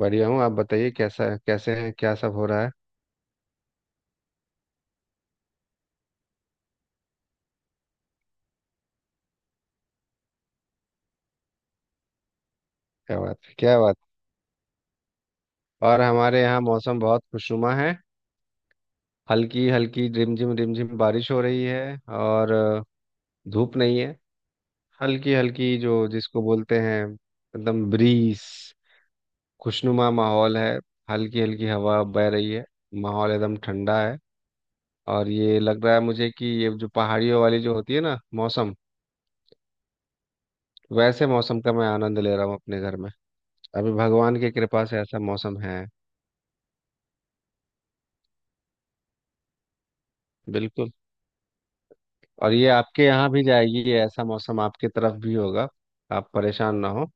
बढ़िया हूँ। आप बताइए कैसा है, कैसे हैं, क्या सब हो रहा है? क्या बात है, क्या बात है। और हमारे यहाँ मौसम बहुत खुशनुमा है। हल्की हल्की रिमझिम रिमझिम बारिश हो रही है, और धूप नहीं है। हल्की हल्की जो जिसको बोलते हैं, एकदम ब्रीस खुशनुमा माहौल है। हल्की हल्की हवा बह रही है। माहौल एकदम ठंडा है। और ये लग रहा है मुझे कि ये जो पहाड़ियों वाली जो होती है ना मौसम, वैसे मौसम का मैं आनंद ले रहा हूँ अपने घर में। अभी भगवान की कृपा से ऐसा मौसम है। बिल्कुल। और ये आपके यहाँ भी जाएगी, ये ऐसा मौसम आपके तरफ भी होगा। आप परेशान ना हो,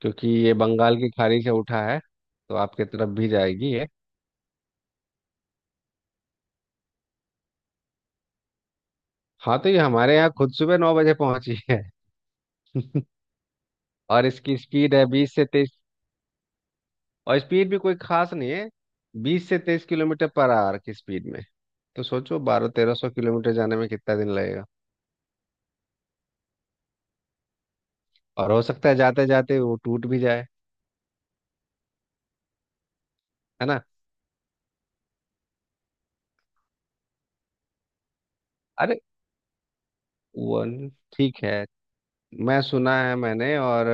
क्योंकि ये बंगाल की खाड़ी से उठा है, तो आपके तरफ भी जाएगी ये। हाँ, तो ये हमारे यहाँ खुद सुबह 9 बजे पहुंची है। और इसकी स्पीड है 20 से 23। और स्पीड भी कोई खास नहीं है। 20 से 23 किलोमीटर पर आवर की स्पीड में, तो सोचो 1200-1300 किलोमीटर जाने में कितना दिन लगेगा। और हो सकता है जाते जाते वो टूट भी जाए। है ना? अरे वो ठीक है, मैं सुना है मैंने। और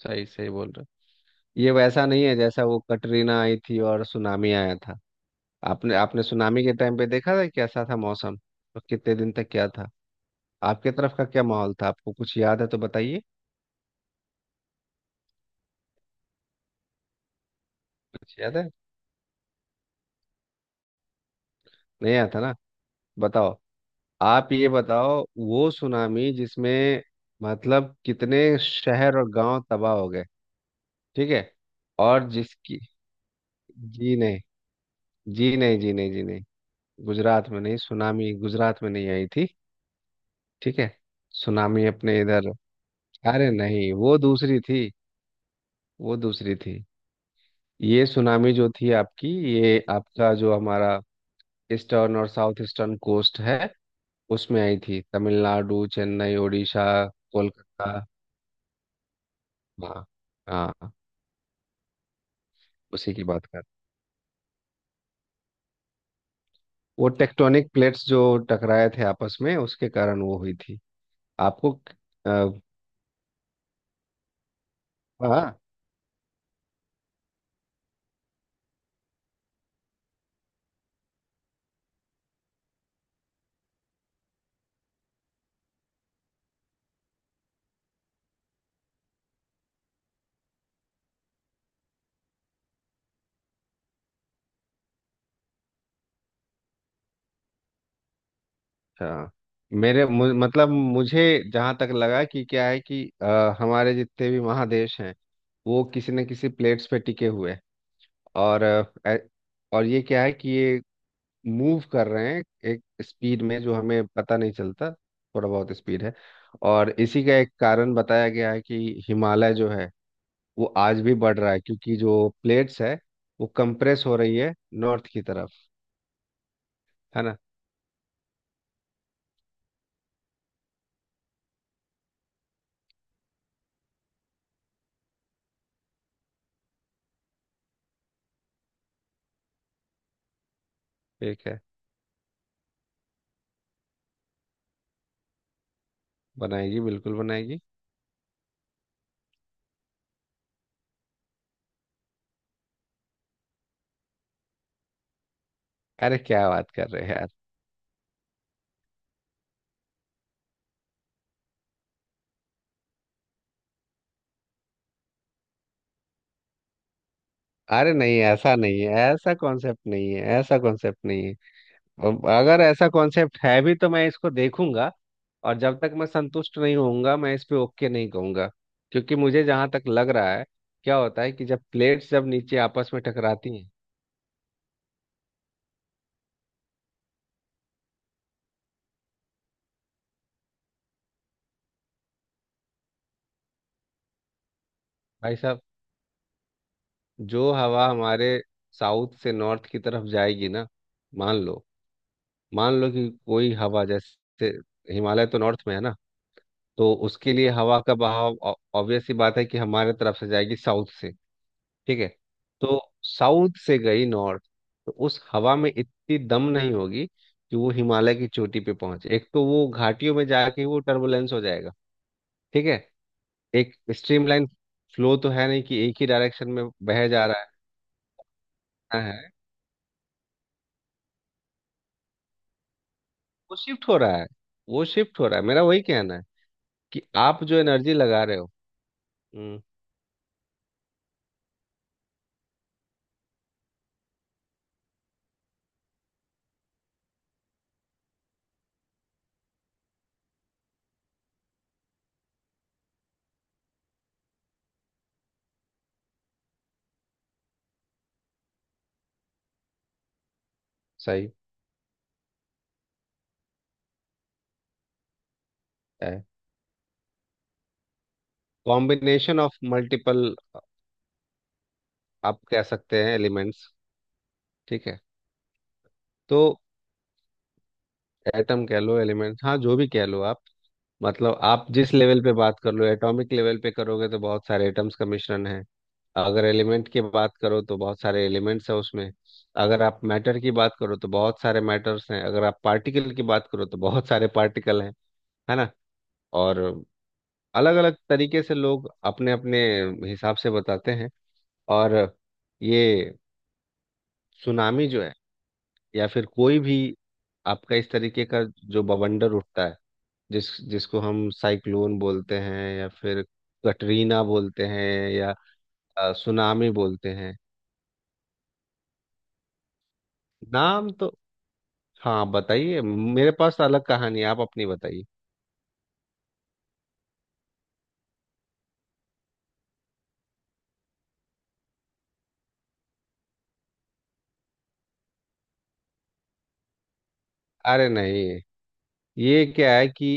सही सही बोल रहे हो। ये वैसा नहीं है जैसा वो कटरीना आई थी और सुनामी आया था। आपने आपने सुनामी के टाइम पे देखा था कैसा था मौसम, और कितने दिन तक क्या था? आपके तरफ का क्या माहौल था, आपको कुछ याद है तो बताइए। कुछ याद है? नहीं याद था ना। बताओ। आप ये बताओ, वो सुनामी जिसमें, मतलब, कितने शहर और गांव तबाह हो गए। ठीक है। और जिसकी, जी नहीं, जी नहीं, जी नहीं, जी नहीं। गुजरात में नहीं, सुनामी गुजरात में नहीं आई थी। ठीक है। सुनामी अपने इधर, अरे नहीं वो दूसरी थी। वो दूसरी थी। ये सुनामी जो थी आपकी, ये आपका जो हमारा ईस्टर्न और साउथ ईस्टर्न कोस्ट है, उसमें आई थी। तमिलनाडु, चेन्नई, उड़ीसा, कोलकाता। हाँ, हाँ, उसी की बात कर। वो टेक्टोनिक प्लेट्स जो टकराए थे आपस में, उसके कारण वो हुई थी। आपको। अ, हाँ। अच्छा, मतलब, मुझे जहाँ तक लगा कि क्या है कि हमारे जितने भी महादेश हैं, वो किसी न किसी प्लेट्स पे टिके हुए हैं। और अ, ए- और ये क्या है कि ये मूव कर रहे हैं एक स्पीड में, जो हमें पता नहीं चलता, थोड़ा बहुत स्पीड है। और इसी का एक कारण बताया गया है कि हिमालय जो है, वो आज भी बढ़ रहा है, क्योंकि जो प्लेट्स है वो कंप्रेस हो रही है नॉर्थ की तरफ। है ना? ठीक है। बनाएगी, बिल्कुल बनाएगी। अरे क्या बात कर रहे हैं यार। अरे नहीं, ऐसा नहीं है, ऐसा कॉन्सेप्ट नहीं है, ऐसा कॉन्सेप्ट नहीं है। अब अगर ऐसा कॉन्सेप्ट है भी, तो मैं इसको देखूंगा, और जब तक मैं संतुष्ट नहीं होऊंगा, मैं इस पे ओके नहीं कहूंगा। क्योंकि मुझे जहां तक लग रहा है, क्या होता है कि जब प्लेट्स जब नीचे आपस में टकराती हैं। भाई साहब, जो हवा हमारे साउथ से नॉर्थ की तरफ जाएगी ना, मान लो, मान लो कि कोई हवा, जैसे हिमालय तो नॉर्थ में है ना, तो उसके लिए हवा का बहाव ऑब्वियस सी बात है कि हमारे तरफ से जाएगी, साउथ से। ठीक है। तो साउथ से गई नॉर्थ, तो उस हवा में इतनी दम नहीं होगी कि वो हिमालय की चोटी पे पहुंचे, एक तो वो घाटियों में जाके वो टर्बुलेंस हो जाएगा। ठीक है। एक स्ट्रीमलाइन फ्लो तो है नहीं कि एक ही डायरेक्शन में बह जा रहा है। वो शिफ्ट हो रहा है, वो शिफ्ट हो रहा है, मेरा वही कहना है कि आप जो एनर्जी लगा रहे हो। हम्म सही है। कॉम्बिनेशन ऑफ मल्टीपल, आप कह सकते हैं, एलिमेंट्स। ठीक है। तो एटम कह लो, एलिमेंट, हाँ, जो भी कह लो आप। मतलब आप जिस लेवल पे बात कर लो, एटॉमिक लेवल पे करोगे तो बहुत सारे एटम्स का मिश्रण है। अगर एलिमेंट की बात करो तो बहुत सारे एलिमेंट्स है उसमें। अगर आप मैटर की बात करो तो बहुत सारे मैटर्स हैं। अगर आप पार्टिकल की बात करो तो बहुत सारे पार्टिकल हैं। है ना? और अलग अलग तरीके से लोग अपने अपने हिसाब से बताते हैं। और ये सुनामी जो है, या फिर कोई भी आपका इस तरीके का जो बवंडर उठता है, जिसको हम साइक्लोन बोलते हैं, या फिर कटरीना बोलते हैं, या सुनामी बोलते हैं। नाम तो, हाँ बताइए, मेरे पास तो अलग कहानी है, आप अपनी बताइए। अरे नहीं, ये क्या है कि,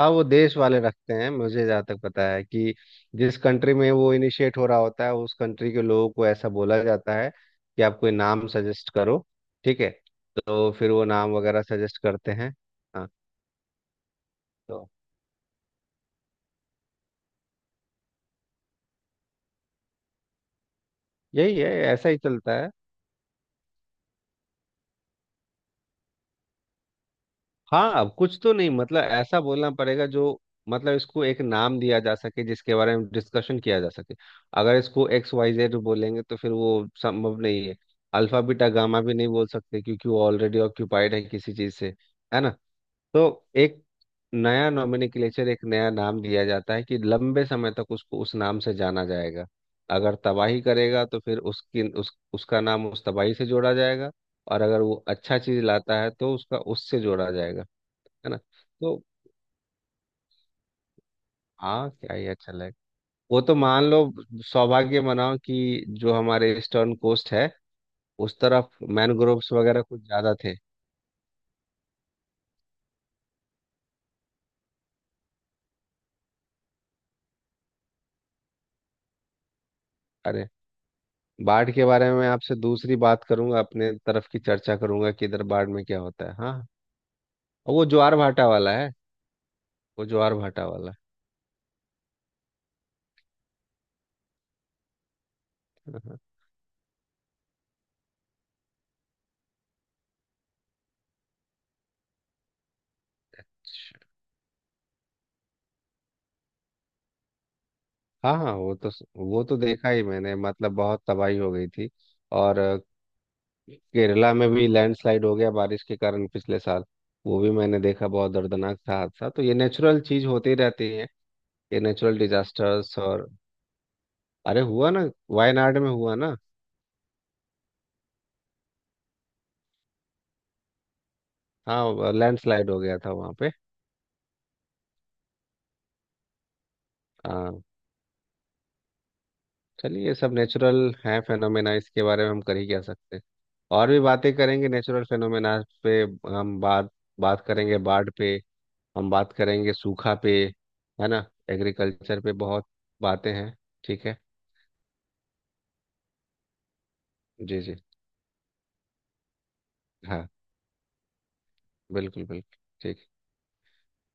हाँ, वो देश वाले रखते हैं, मुझे जहाँ तक पता है कि जिस कंट्री में वो इनिशिएट हो रहा होता है, उस कंट्री के लोगों को ऐसा बोला जाता है कि आप कोई नाम सजेस्ट करो। ठीक है। तो फिर वो नाम वगैरह सजेस्ट करते हैं। हाँ। तो यही है, ऐसा ही चलता है। हाँ, कुछ तो, नहीं, मतलब ऐसा बोलना पड़ेगा जो, मतलब इसको एक नाम दिया जा सके, जिसके बारे में डिस्कशन किया जा सके। अगर इसको एक्स वाई जेड बोलेंगे तो फिर वो संभव नहीं है। अल्फा बीटा गामा भी नहीं बोल सकते क्योंकि वो ऑलरेडी ऑक्यूपाइड है किसी चीज से। है ना? तो एक नया नोमेनक्लेचर, एक नया नाम दिया जाता है, कि लंबे समय तक उसको उस नाम से जाना जाएगा। अगर तबाही करेगा तो फिर उसकी उस उसका नाम उस तबाही से जोड़ा जाएगा। और अगर वो अच्छा चीज लाता है, तो उसका उससे जोड़ा जाएगा। है ना? तो हाँ, क्या ही अच्छा लगे। वो तो मान लो सौभाग्य मनाओ कि जो हमारे ईस्टर्न कोस्ट है, उस तरफ मैनग्रोव्स वगैरह कुछ ज्यादा थे। अरे, बाढ़ के बारे में मैं आपसे दूसरी बात करूंगा, अपने तरफ की चर्चा करूंगा कि इधर बाढ़ में क्या होता है, हाँ। और वो ज्वार भाटा वाला है, वो ज्वार भाटा वाला। हाँ, हाँ। अच्छा, हाँ, हाँ, वो तो देखा ही मैंने, मतलब बहुत तबाही हो गई थी। और केरला में भी लैंडस्लाइड हो गया बारिश के कारण, पिछले साल वो भी मैंने देखा, बहुत दर्दनाक था हादसा। तो ये नेचुरल चीज होती रहती है, ये नेचुरल डिजास्टर्स। और अरे हुआ ना, वायनाड में हुआ ना। हाँ, लैंडस्लाइड हो गया था वहाँ पे। हाँ। चलिए, ये सब नेचुरल है, फेनोमेना, इसके बारे में हम कर ही क्या सकते हैं। और भी बातें करेंगे नेचुरल फेनोमेना पे। हम बात बात करेंगे बाढ़ पे। हम बात करेंगे सूखा पे। है ना, एग्रीकल्चर पे बहुत बातें हैं। ठीक है। जी, जी, हाँ, बिल्कुल, बिल्कुल, ठीक।